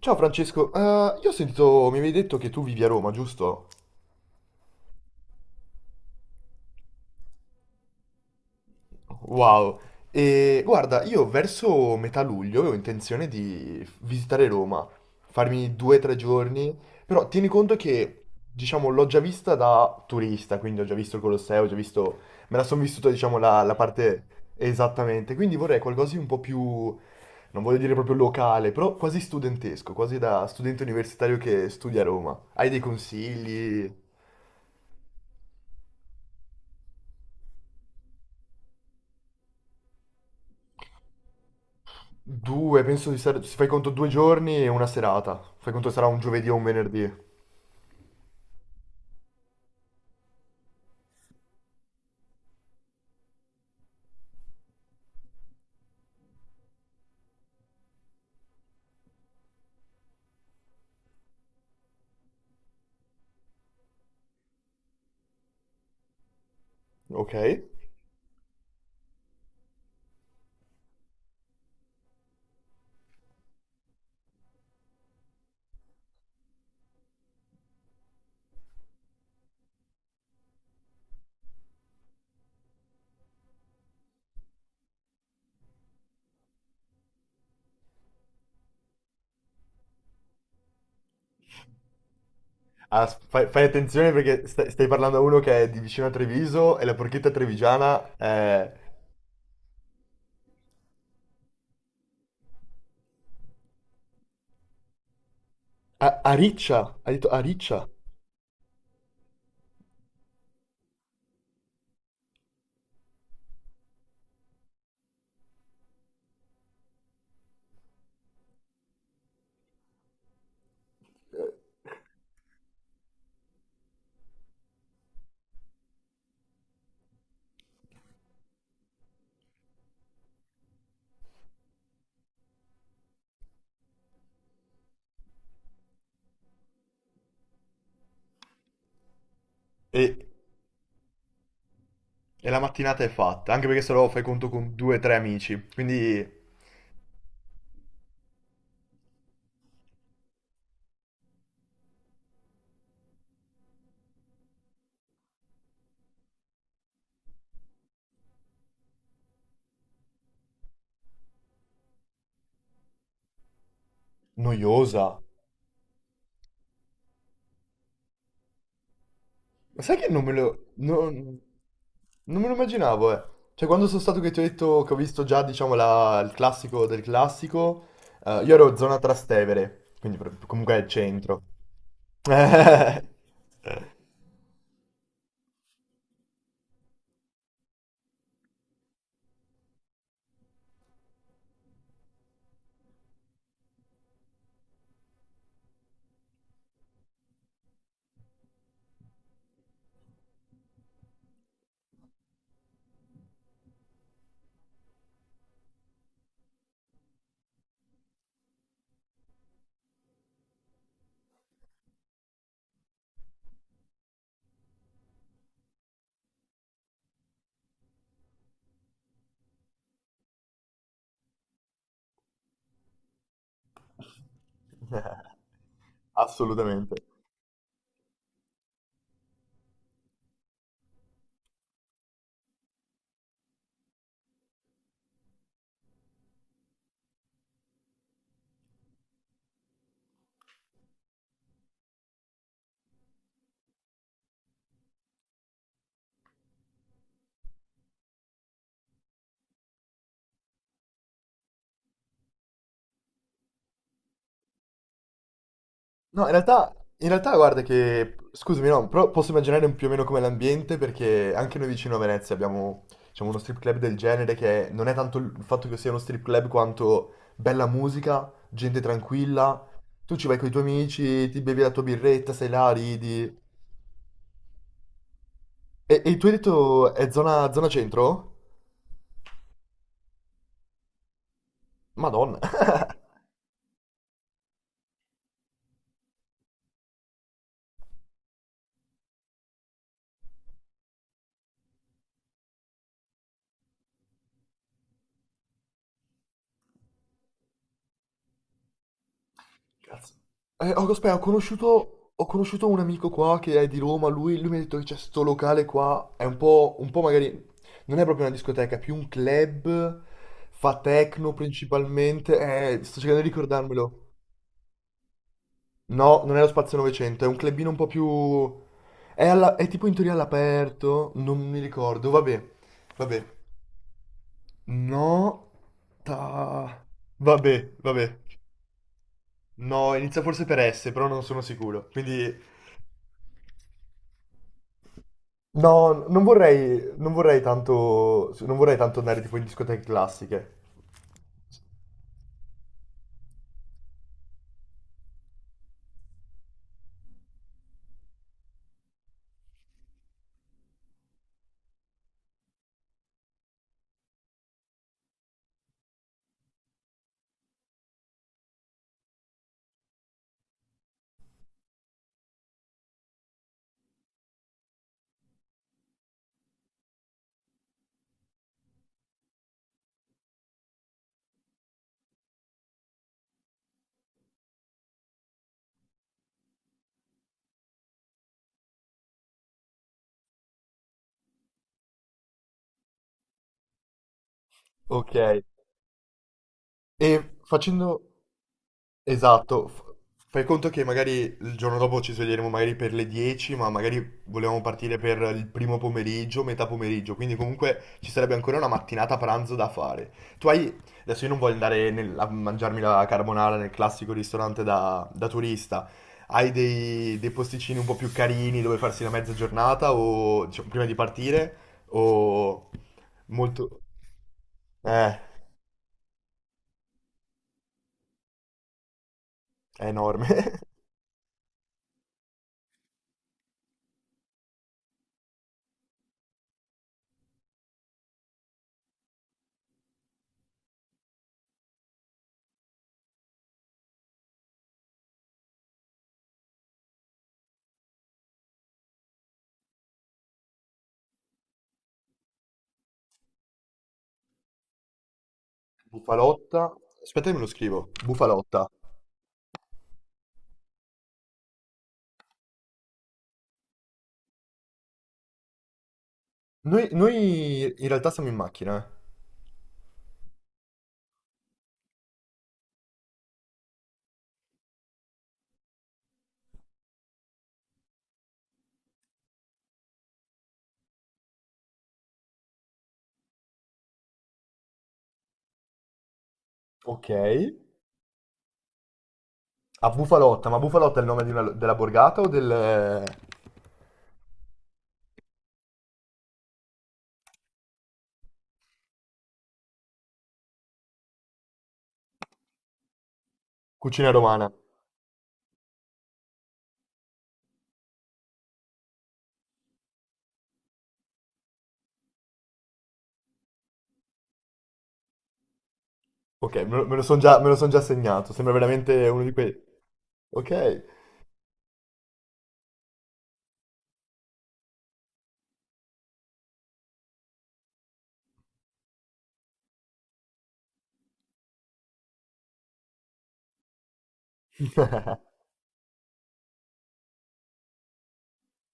Ciao Francesco, io ho sentito, mi avevi detto che tu vivi a Roma, giusto? Wow. E guarda, io verso metà luglio ho intenzione di visitare Roma, farmi 2 o 3 giorni, però tieni conto che, diciamo, l'ho già vista da turista, quindi ho già visto il Colosseo, ho già visto, me la sono vissuta, diciamo, la parte esattamente, quindi vorrei qualcosa di un po' più, non voglio dire proprio locale, però quasi studentesco, quasi da studente universitario che studia a Roma. Hai dei consigli? Due, penso di stare... Se fai conto 2 giorni e una serata. Fai conto sarà un giovedì o un venerdì. Ok. Ah, fai attenzione perché stai parlando a uno che è di vicino a Treviso e la porchetta trevigiana è... A Riccia, hai detto a Riccia. E, e la mattinata è fatta, anche perché se no fai conto con due o tre amici, quindi noiosa. Ma sai che non me lo... Non me lo immaginavo, eh. Cioè, quando sono stato che ti ho detto che ho visto già, diciamo, il classico del classico, io ero zona Trastevere, quindi comunque è il centro. Assolutamente. No, in realtà guarda che, scusami, no, però posso immaginare un più o meno come l'ambiente perché anche noi vicino a Venezia abbiamo, diciamo, uno strip club del genere non è tanto il fatto che sia uno strip club quanto bella musica, gente tranquilla, tu ci vai con i tuoi amici, ti bevi la tua birretta, sei là, ridi. E tu hai detto è zona centro? Madonna. Cazzo. Oh, aspetta, ho conosciuto un amico qua che è di Roma, lui mi ha detto che c'è sto locale qua, è un po' magari, non è proprio una discoteca, è più un club, fa techno principalmente, sto cercando di ricordarmelo. No, non è lo Spazio 900, è un clubino un po' più... È, è tipo in teoria all'aperto, non mi ricordo, vabbè, vabbè. No, ta... Vabbè, vabbè. No, inizia forse per S, però non sono sicuro, quindi... No, non vorrei tanto andare tipo in discoteche classiche. Ok. E facendo, Esatto, fai conto che magari il giorno dopo ci sveglieremo magari per le 10, ma magari volevamo partire per il primo pomeriggio, metà pomeriggio, quindi comunque ci sarebbe ancora una mattinata pranzo da fare. Tu hai... Adesso io non voglio andare a mangiarmi la carbonara nel classico ristorante da turista. Hai dei posticini un po' più carini dove farsi la mezza giornata o diciamo, prima di partire o molto... Eh, è enorme. Bufalotta. Aspetta che me lo scrivo. Bufalotta. Noi in realtà siamo in macchina. Eh. Ok. A Bufalotta, ma Bufalotta è il nome di della borgata o del cucina romana? Ok, me lo son già segnato, sembra veramente uno di quei... Ok.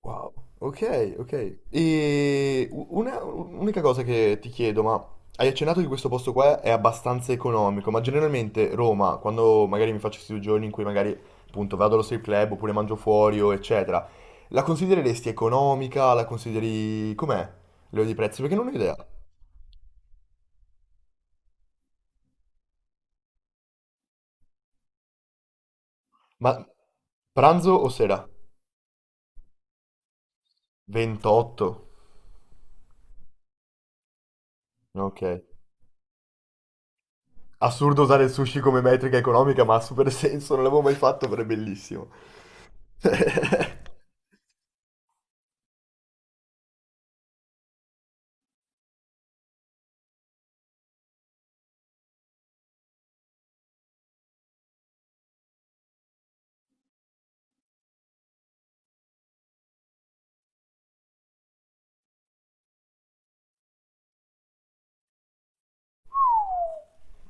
Wow, ok, ok. E un'unica cosa che ti chiedo, ma hai accennato che questo posto qua è abbastanza economico, ma generalmente Roma, quando magari mi faccio questi 2 giorni in cui magari appunto vado allo strip club oppure mangio fuori o eccetera, la considereresti economica? La consideri com'è? Livello di prezzi? Perché non ho idea. Ma pranzo o sera? 28? Ok. Assurdo usare il sushi come metrica economica, ma ha super senso, non l'avevo mai fatto, però è bellissimo.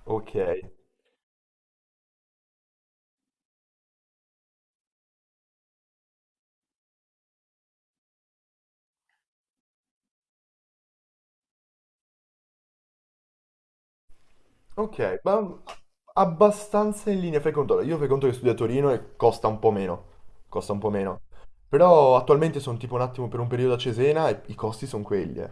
Ok, ok, ma abbastanza in linea, fai conto. Allora, io fai conto che studio a Torino e costa un po' meno, costa un po' meno. Però attualmente sono tipo un attimo per un periodo a Cesena e i costi sono quelli, eh.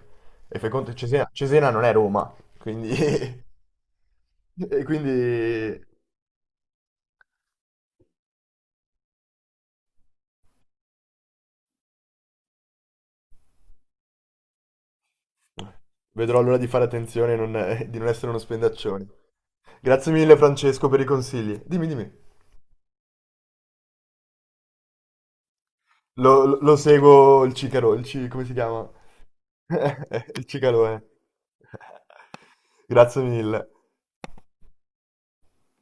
E fai conto che Cesena, Cesena non è Roma, quindi... e quindi vedrò allora di fare attenzione e di non essere uno spendaccione. Grazie mille Francesco per i consigli. Dimmi, dimmi. Lo seguo il Cicaro, come si chiama? Il Cicalone. Grazie mille.